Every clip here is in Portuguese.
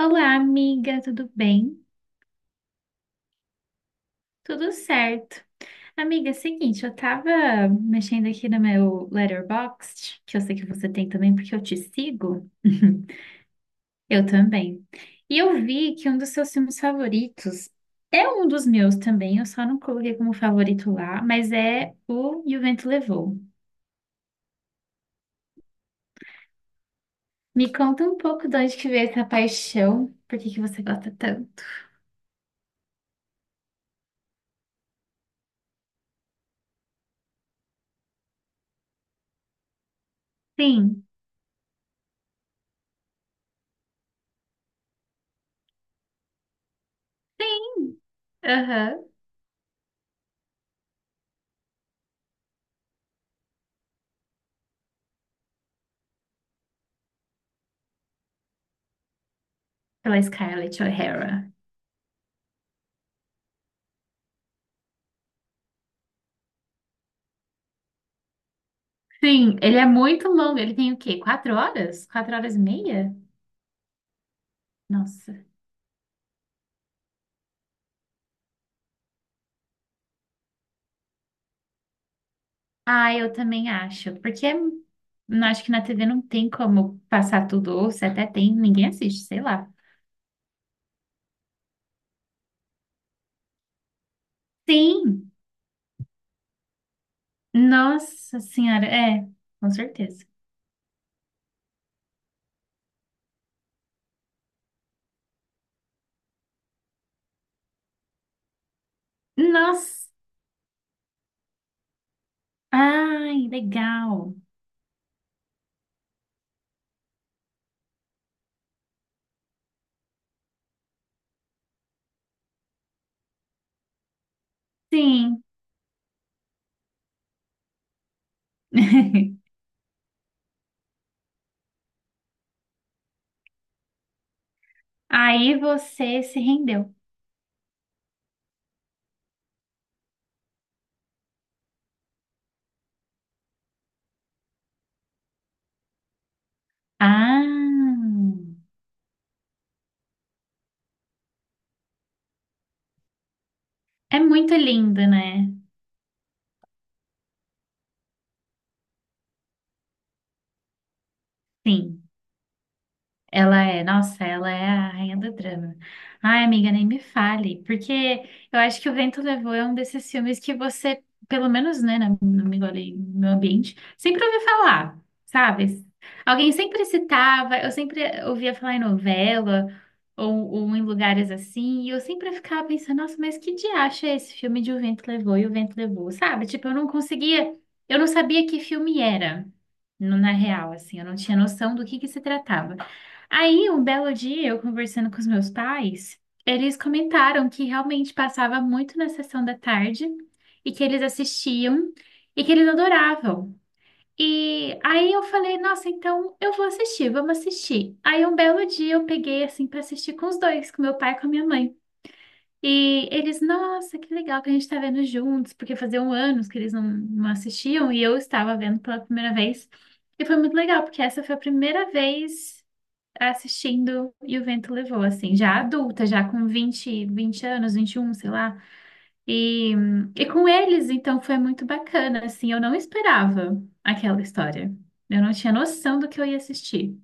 Olá, amiga, tudo bem? Tudo certo. Amiga, é o seguinte, eu tava mexendo aqui no meu Letterboxd, que eu sei que você tem também, porque eu te sigo. Eu também. E eu vi que um dos seus filmes favoritos é um dos meus também, eu só não coloquei como favorito lá, mas é o E o Vento Levou. Me conta um pouco de onde que veio essa paixão, por que que você gosta tanto? Sim, sim, aham. Pela Scarlett O'Hara. Sim, ele é muito longo. Ele tem o quê? 4 horas? 4 horas e meia? Nossa. Ah, eu também acho. Porque não acho que na TV não tem como passar tudo, ou se até tem, ninguém assiste, sei lá. Sim! Nossa Senhora, é, com certeza. Nossa! Ai, legal! Sim! Aí você se rendeu. Ah! É muito lindo, né? Sim. Ela é, nossa, ela é a rainha do drama. Ai, amiga, nem me fale, porque eu acho que O Vento Levou é um desses filmes que você, pelo menos, né, no meu, ali, no meu ambiente, sempre ouviu falar, sabe? Alguém sempre citava, eu sempre ouvia falar em novela ou em lugares assim, e eu sempre ficava pensando, nossa, mas que diacho é esse filme de O Vento Levou e O Vento Levou, sabe? Tipo, eu não conseguia, eu não sabia que filme era, na real, assim, eu não tinha noção do que se tratava. Aí, um belo dia, eu conversando com os meus pais, eles comentaram que realmente passava muito na sessão da tarde e que eles assistiam e que eles adoravam. E aí eu falei, nossa, então eu vou assistir, vamos assistir. Aí um belo dia eu peguei assim para assistir com os dois, com meu pai e com a minha mãe. E eles, nossa, que legal que a gente tá vendo juntos, porque faziam anos que eles não assistiam e eu estava vendo pela primeira vez. E foi muito legal, porque essa foi a primeira vez tá assistindo E o Vento Levou, assim, já adulta, já com vinte anos, 21 sei lá. E, e com eles, então, foi muito bacana, assim, eu não esperava aquela história. Eu não tinha noção do que eu ia assistir.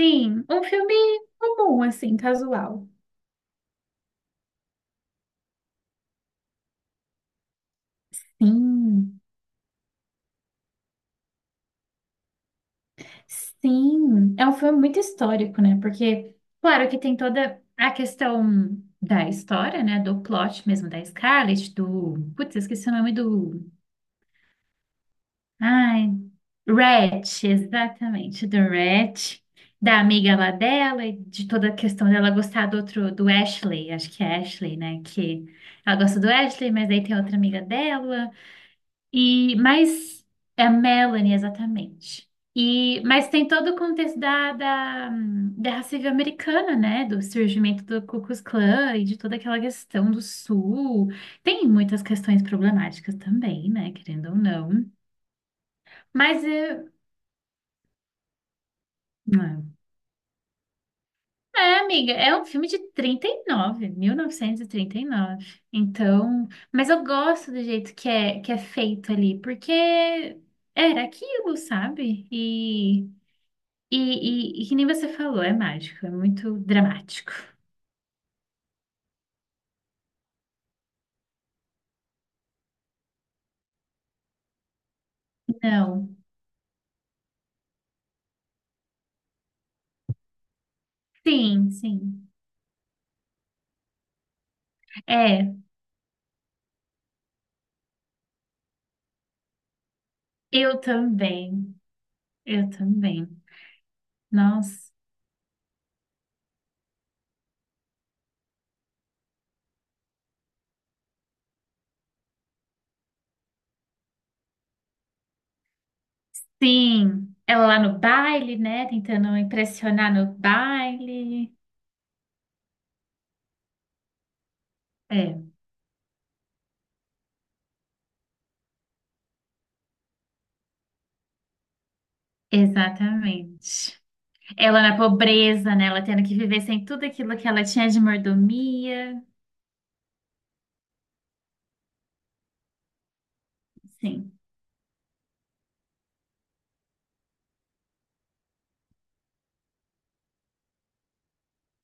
Sim, um filme comum, assim, casual. Sim, sim. É um filme muito histórico, né? Porque, claro que tem toda a questão da história, né? Do plot mesmo da Scarlett, do... Putz, esqueci o nome do. Ai, Ratch, exatamente, do Ratch, da amiga lá dela e de toda a questão dela gostar do outro, do Ashley, acho que é Ashley, né? Que ela gosta do Ashley, mas aí tem outra amiga dela. Mas é a Melanie, exatamente. Mas tem todo o contexto da Guerra Civil Americana, né? Do surgimento do Ku Klux Klan e de toda aquela questão do Sul. Tem muitas questões problemáticas também, né? Querendo ou não. Mas eh, É, É, amiga, é um filme de trinta trinta e nove, 1939. Então, mas eu gosto do jeito que é feito ali, porque era aquilo, sabe? E, e que nem você falou, é mágico, é muito dramático. Não. Sim, sim. É, eu também. Eu também. Nossa, sim. Ela lá no baile, né? Tentando impressionar no baile. É, exatamente. Ela na pobreza, né? Ela tendo que viver sem tudo aquilo que ela tinha de mordomia. Sim.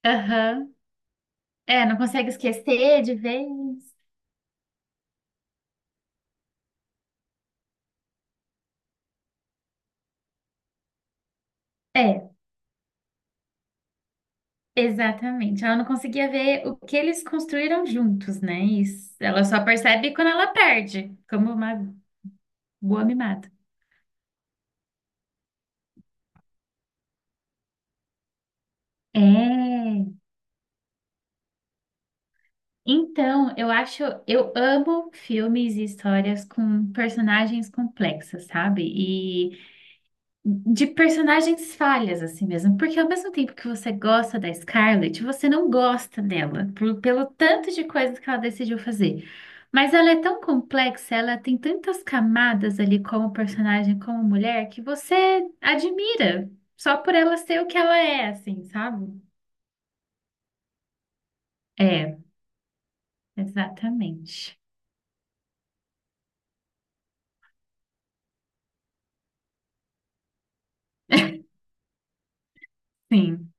Aham. É, não consegue esquecer de vez. É, exatamente. Ela não conseguia ver o que eles construíram juntos, né? Isso. Ela só percebe quando ela perde, como uma boa mimada. É. Então, eu acho, eu amo filmes e histórias com personagens complexas, sabe? De personagens falhas, assim mesmo. Porque ao mesmo tempo que você gosta da Scarlett, você não gosta dela, pelo tanto de coisas que ela decidiu fazer. Mas ela é tão complexa, ela tem tantas camadas ali como personagem, como mulher, que você admira só por ela ser o que ela é, assim, sabe? É, exatamente. Sim,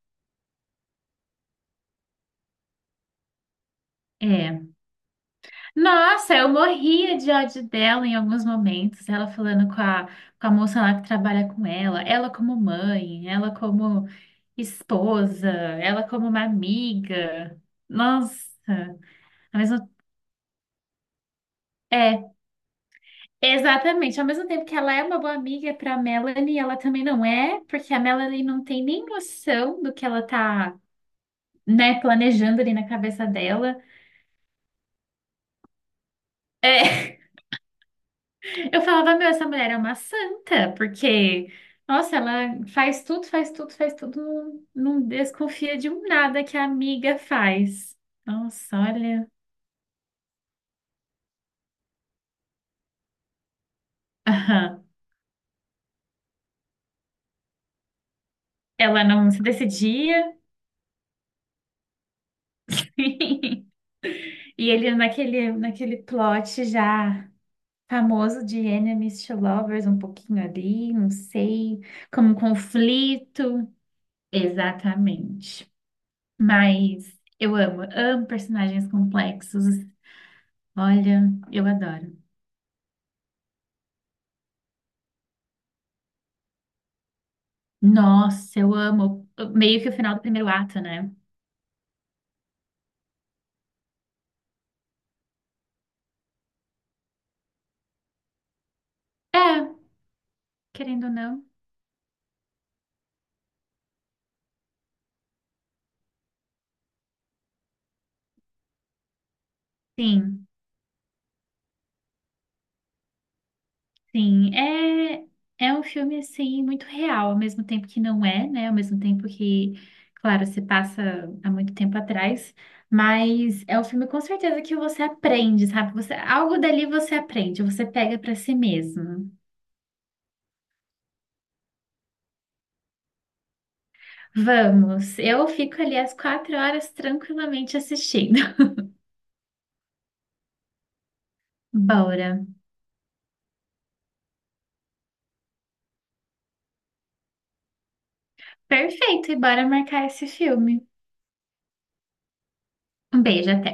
é. Nossa, eu morria de ódio dela em alguns momentos. Ela falando com a moça lá que trabalha com ela, ela como mãe, ela como esposa, ela como uma amiga. Nossa, ao mesmo, é, exatamente. Ao mesmo tempo que ela é uma boa amiga para Melanie, ela também não é, porque a Melanie não tem nem noção do que ela tá, né, planejando ali na cabeça dela. É. Eu falava, meu, essa mulher é uma santa, porque, nossa, ela faz tudo, faz tudo, faz tudo, não desconfia de um nada que a amiga faz. Nossa, olha. Aham. Ela não se decidia. E ele naquele plot já famoso de enemies to lovers, um pouquinho ali, não sei, como um conflito. Exatamente. Mas eu amo, amo personagens complexos. Olha, eu adoro. Nossa, eu amo. Meio que o final do primeiro ato, né? É, querendo ou não. Sim, sim. É, é um filme, assim, muito real, ao mesmo tempo que não é, né? Ao mesmo tempo que, claro, se passa há muito tempo atrás, mas é um filme com certeza que você aprende, sabe? Você, algo dali você aprende, você pega para si mesmo. Vamos, eu fico ali às 4 horas tranquilamente assistindo. Bora. Perfeito, e bora marcar esse filme. Um beijo, até.